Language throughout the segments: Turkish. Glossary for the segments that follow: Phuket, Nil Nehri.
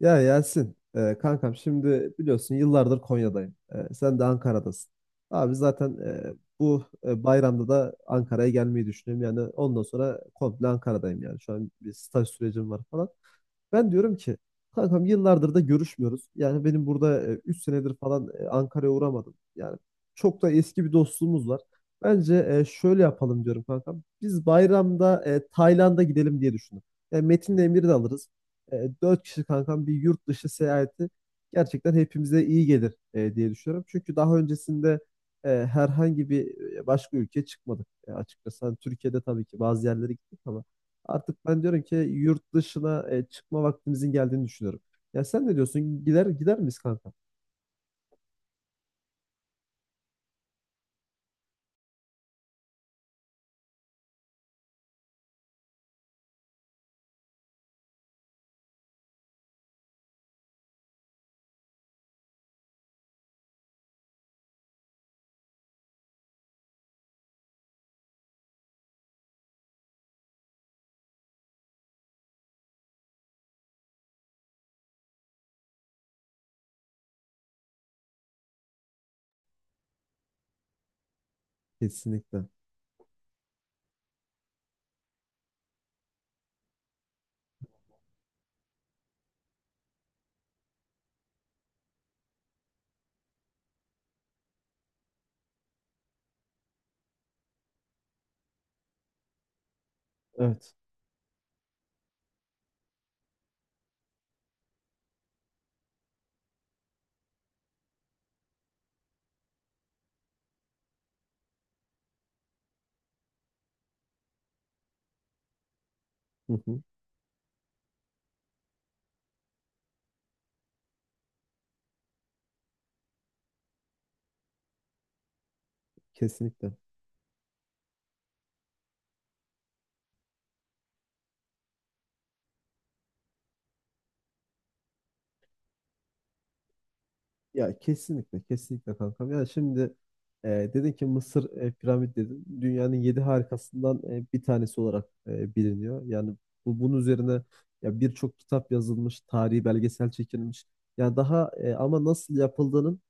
Ya Yasin, kankam şimdi biliyorsun yıllardır Konya'dayım. Sen de Ankara'dasın. Abi zaten bu bayramda da Ankara'ya gelmeyi düşünüyorum. Yani ondan sonra komple Ankara'dayım yani. Şu an bir staj sürecim var falan. Ben diyorum ki kankam yıllardır da görüşmüyoruz. Yani benim burada 3 senedir falan Ankara'ya uğramadım. Yani çok da eski bir dostluğumuz var. Bence şöyle yapalım diyorum kankam. Biz bayramda Tayland'a gidelim diye düşündüm. Yani Metin'le Emir'i de alırız, 4 kişi kankam, bir yurt dışı seyahati gerçekten hepimize iyi gelir diye düşünüyorum. Çünkü daha öncesinde herhangi bir başka ülkeye çıkmadık açıkçası. Hani Türkiye'de tabii ki bazı yerlere gittik ama artık ben diyorum ki yurt dışına çıkma vaktimizin geldiğini düşünüyorum. Ya sen ne diyorsun? Gider miyiz kanka? Kesinlikle. Evet. Hı hı. Kesinlikle. Ya kesinlikle kesinlikle kankam. Yani şimdi, e, dedin ki Mısır, piramit dedin. Dünyanın yedi harikasından bir tanesi olarak biliniyor. Yani bunun üzerine ya birçok kitap yazılmış, tarihi belgesel çekilmiş. Yani daha ama nasıl yapıldığının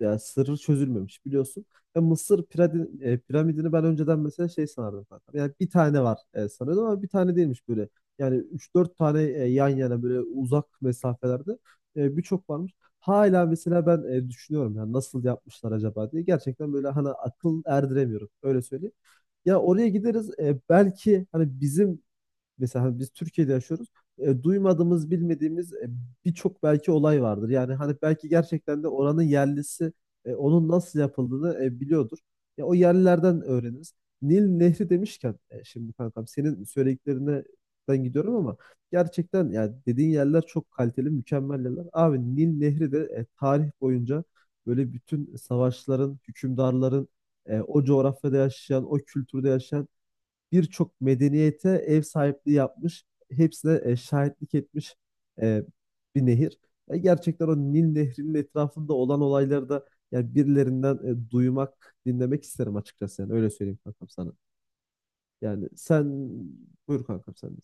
ya sırrı çözülmemiş biliyorsun. Ya piramidini ben önceden mesela şey sanardım kankam. Yani bir tane var sanıyordum ama bir tane değilmiş böyle. Yani üç dört tane yan yana, böyle uzak mesafelerde, birçok varmış. Hala mesela ben düşünüyorum ya nasıl yapmışlar acaba diye. Gerçekten böyle hani akıl erdiremiyorum. Öyle söyleyeyim. Ya oraya gideriz belki hani bizim, mesela hani biz Türkiye'de yaşıyoruz. Duymadığımız, bilmediğimiz, birçok belki olay vardır. Yani hani belki gerçekten de oranın yerlisi onun nasıl yapıldığını biliyordur. Ya o yerlilerden öğreniriz. Nil Nehri demişken, şimdi kankam senin söylediklerinden gidiyorum ama gerçekten yani dediğin yerler çok kaliteli, mükemmel yerler. Abi Nil Nehri de tarih boyunca böyle bütün savaşların, hükümdarların, o coğrafyada yaşayan, o kültürde yaşayan birçok medeniyete ev sahipliği yapmış, hepsine şahitlik etmiş e, bir nehir. Gerçekten o Nil Nehri'nin etrafında olan olayları da yani birilerinden duymak, dinlemek isterim açıkçası, yani öyle söyleyeyim kankam sana. Yani sen, buyur kankam sen de.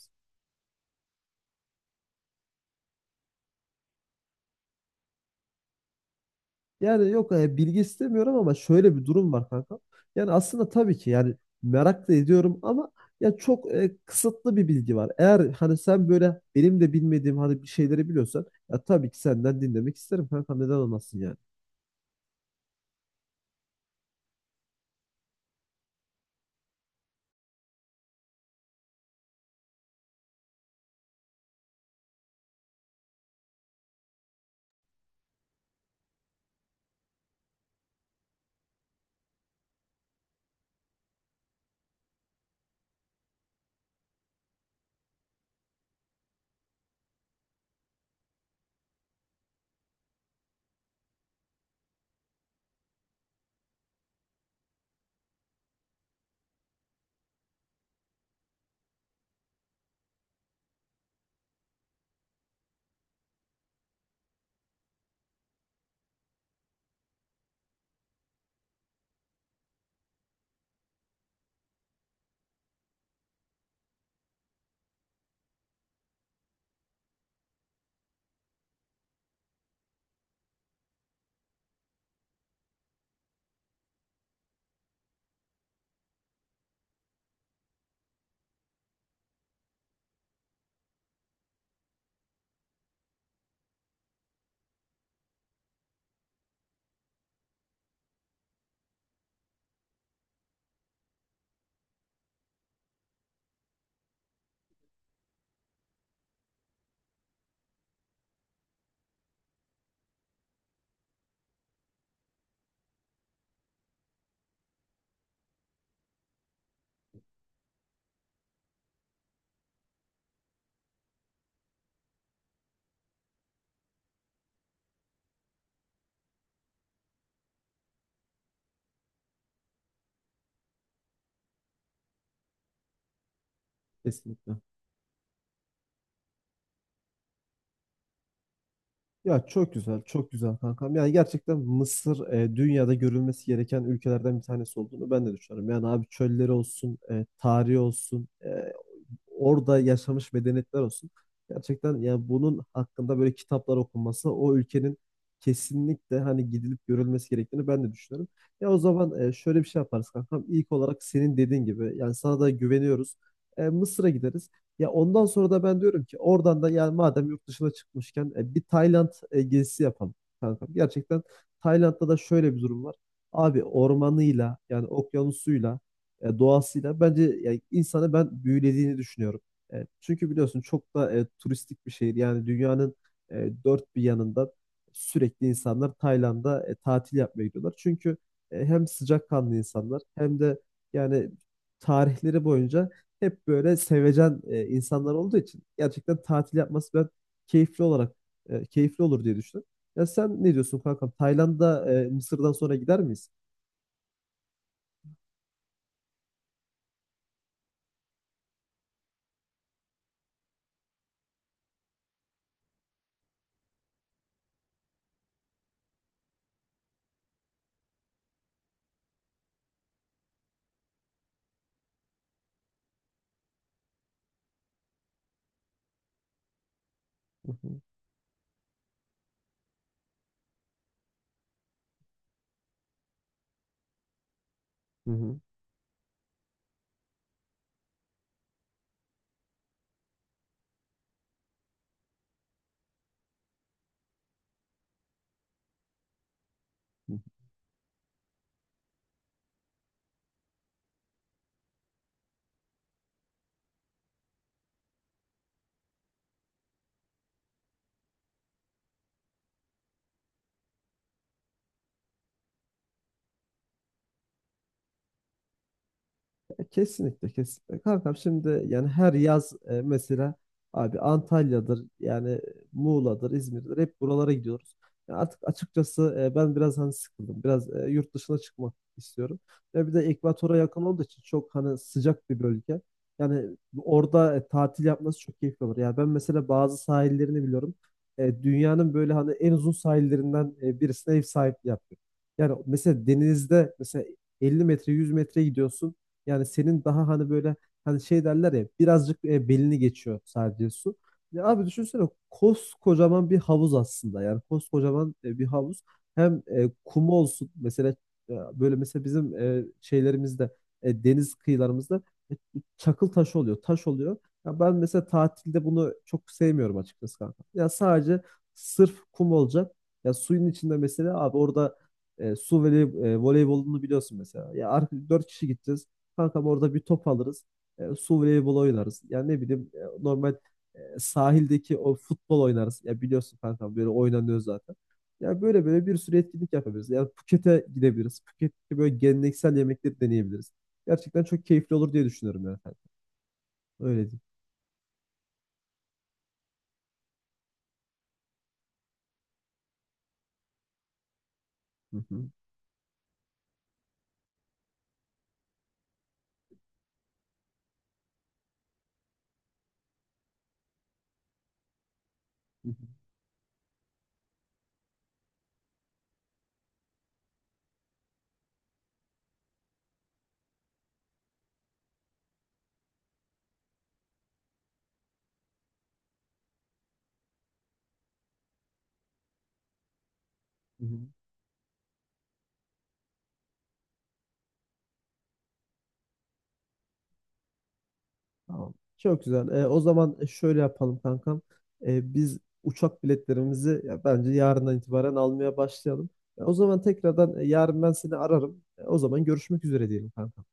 Yani yok, bilgi istemiyorum ama şöyle bir durum var kanka. Yani aslında tabii ki yani merak da ediyorum ama ya çok kısıtlı bir bilgi var. Eğer hani sen böyle benim de bilmediğim hani bir şeyleri biliyorsan ya tabii ki senden dinlemek isterim kanka, neden olmasın yani. Kesinlikle. Ya çok güzel, çok güzel kankam. Yani gerçekten Mısır, dünyada görülmesi gereken ülkelerden bir tanesi olduğunu ben de düşünüyorum. Yani abi çölleri olsun, tarihi olsun, orada yaşamış medeniyetler olsun. Gerçekten yani bunun hakkında böyle kitaplar okunması, o ülkenin kesinlikle hani gidilip görülmesi gerektiğini ben de düşünüyorum. Ya o zaman şöyle bir şey yaparız kankam. İlk olarak senin dediğin gibi, yani sana da güveniyoruz. Mısır'a gideriz. Ya ondan sonra da ben diyorum ki oradan da, yani madem yurt dışına çıkmışken, bir Tayland gezisi yapalım kankam. Gerçekten Tayland'da da şöyle bir durum var. Abi ormanıyla, yani okyanusuyla, doğasıyla bence yani insanı ben büyülediğini düşünüyorum. Çünkü biliyorsun çok da turistik bir şehir. Yani dünyanın dört bir yanında sürekli insanlar Tayland'a tatil yapmaya gidiyorlar. Çünkü hem sıcakkanlı insanlar hem de yani tarihleri boyunca hep böyle sevecen insanlar olduğu için gerçekten tatil yapması ben keyifli olarak, keyifli olur diye düşünüyorum. Ya sen ne diyorsun kankam? Tayland'a Mısır'dan sonra gider miyiz? Hı hı. Hı hı. Ya kesinlikle kesinlikle. Kankam şimdi yani her yaz mesela abi Antalya'dır yani, Muğla'dır, İzmir'dir, hep buralara gidiyoruz. Ya artık açıkçası ben biraz hani sıkıldım. Biraz yurt dışına çıkmak istiyorum. Ya bir de ekvatora yakın olduğu için çok hani sıcak bir bölge. Yani orada tatil yapması çok keyifli olur. Yani ben mesela bazı sahillerini biliyorum. Dünyanın böyle hani en uzun sahillerinden birisine ev sahipliği yapıyor. Yani mesela denizde mesela 50 metre, 100 metre gidiyorsun. Yani senin daha hani böyle hani şey derler ya, birazcık belini geçiyor sadece su. Ya abi düşünsene koskocaman bir havuz aslında. Yani koskocaman bir havuz. Hem kumu olsun mesela, böyle mesela bizim şeylerimizde, deniz kıyılarımızda, e, çakıl taşı oluyor, taş oluyor. Ya ben mesela tatilde bunu çok sevmiyorum açıkçası kanka. Ya sadece sırf kum olacak. Ya suyun içinde mesela abi orada su voley, voleybolunu biliyorsun mesela. Ya artık 4 kişi gideceğiz. Kankam orada bir top alırız. Su voleybolu oynarız. Yani ne bileyim normal sahildeki o futbol oynarız. Ya biliyorsun kankam böyle oynanıyor zaten. Ya böyle böyle bir sürü etkinlik yapabiliriz. Yani Phuket'e gidebiliriz. Phuket'te böyle geleneksel yemekleri deneyebiliriz. Gerçekten çok keyifli olur diye düşünüyorum yani. Öyle diyeyim. Hı hı. Hı hı. Hı hı. Tamam. Çok güzel. O zaman şöyle yapalım kankam. Biz uçak biletlerimizi ya, bence yarından itibaren almaya başlayalım. Ya, o zaman tekrardan yarın ben seni ararım. O zaman görüşmek üzere diyelim kankam.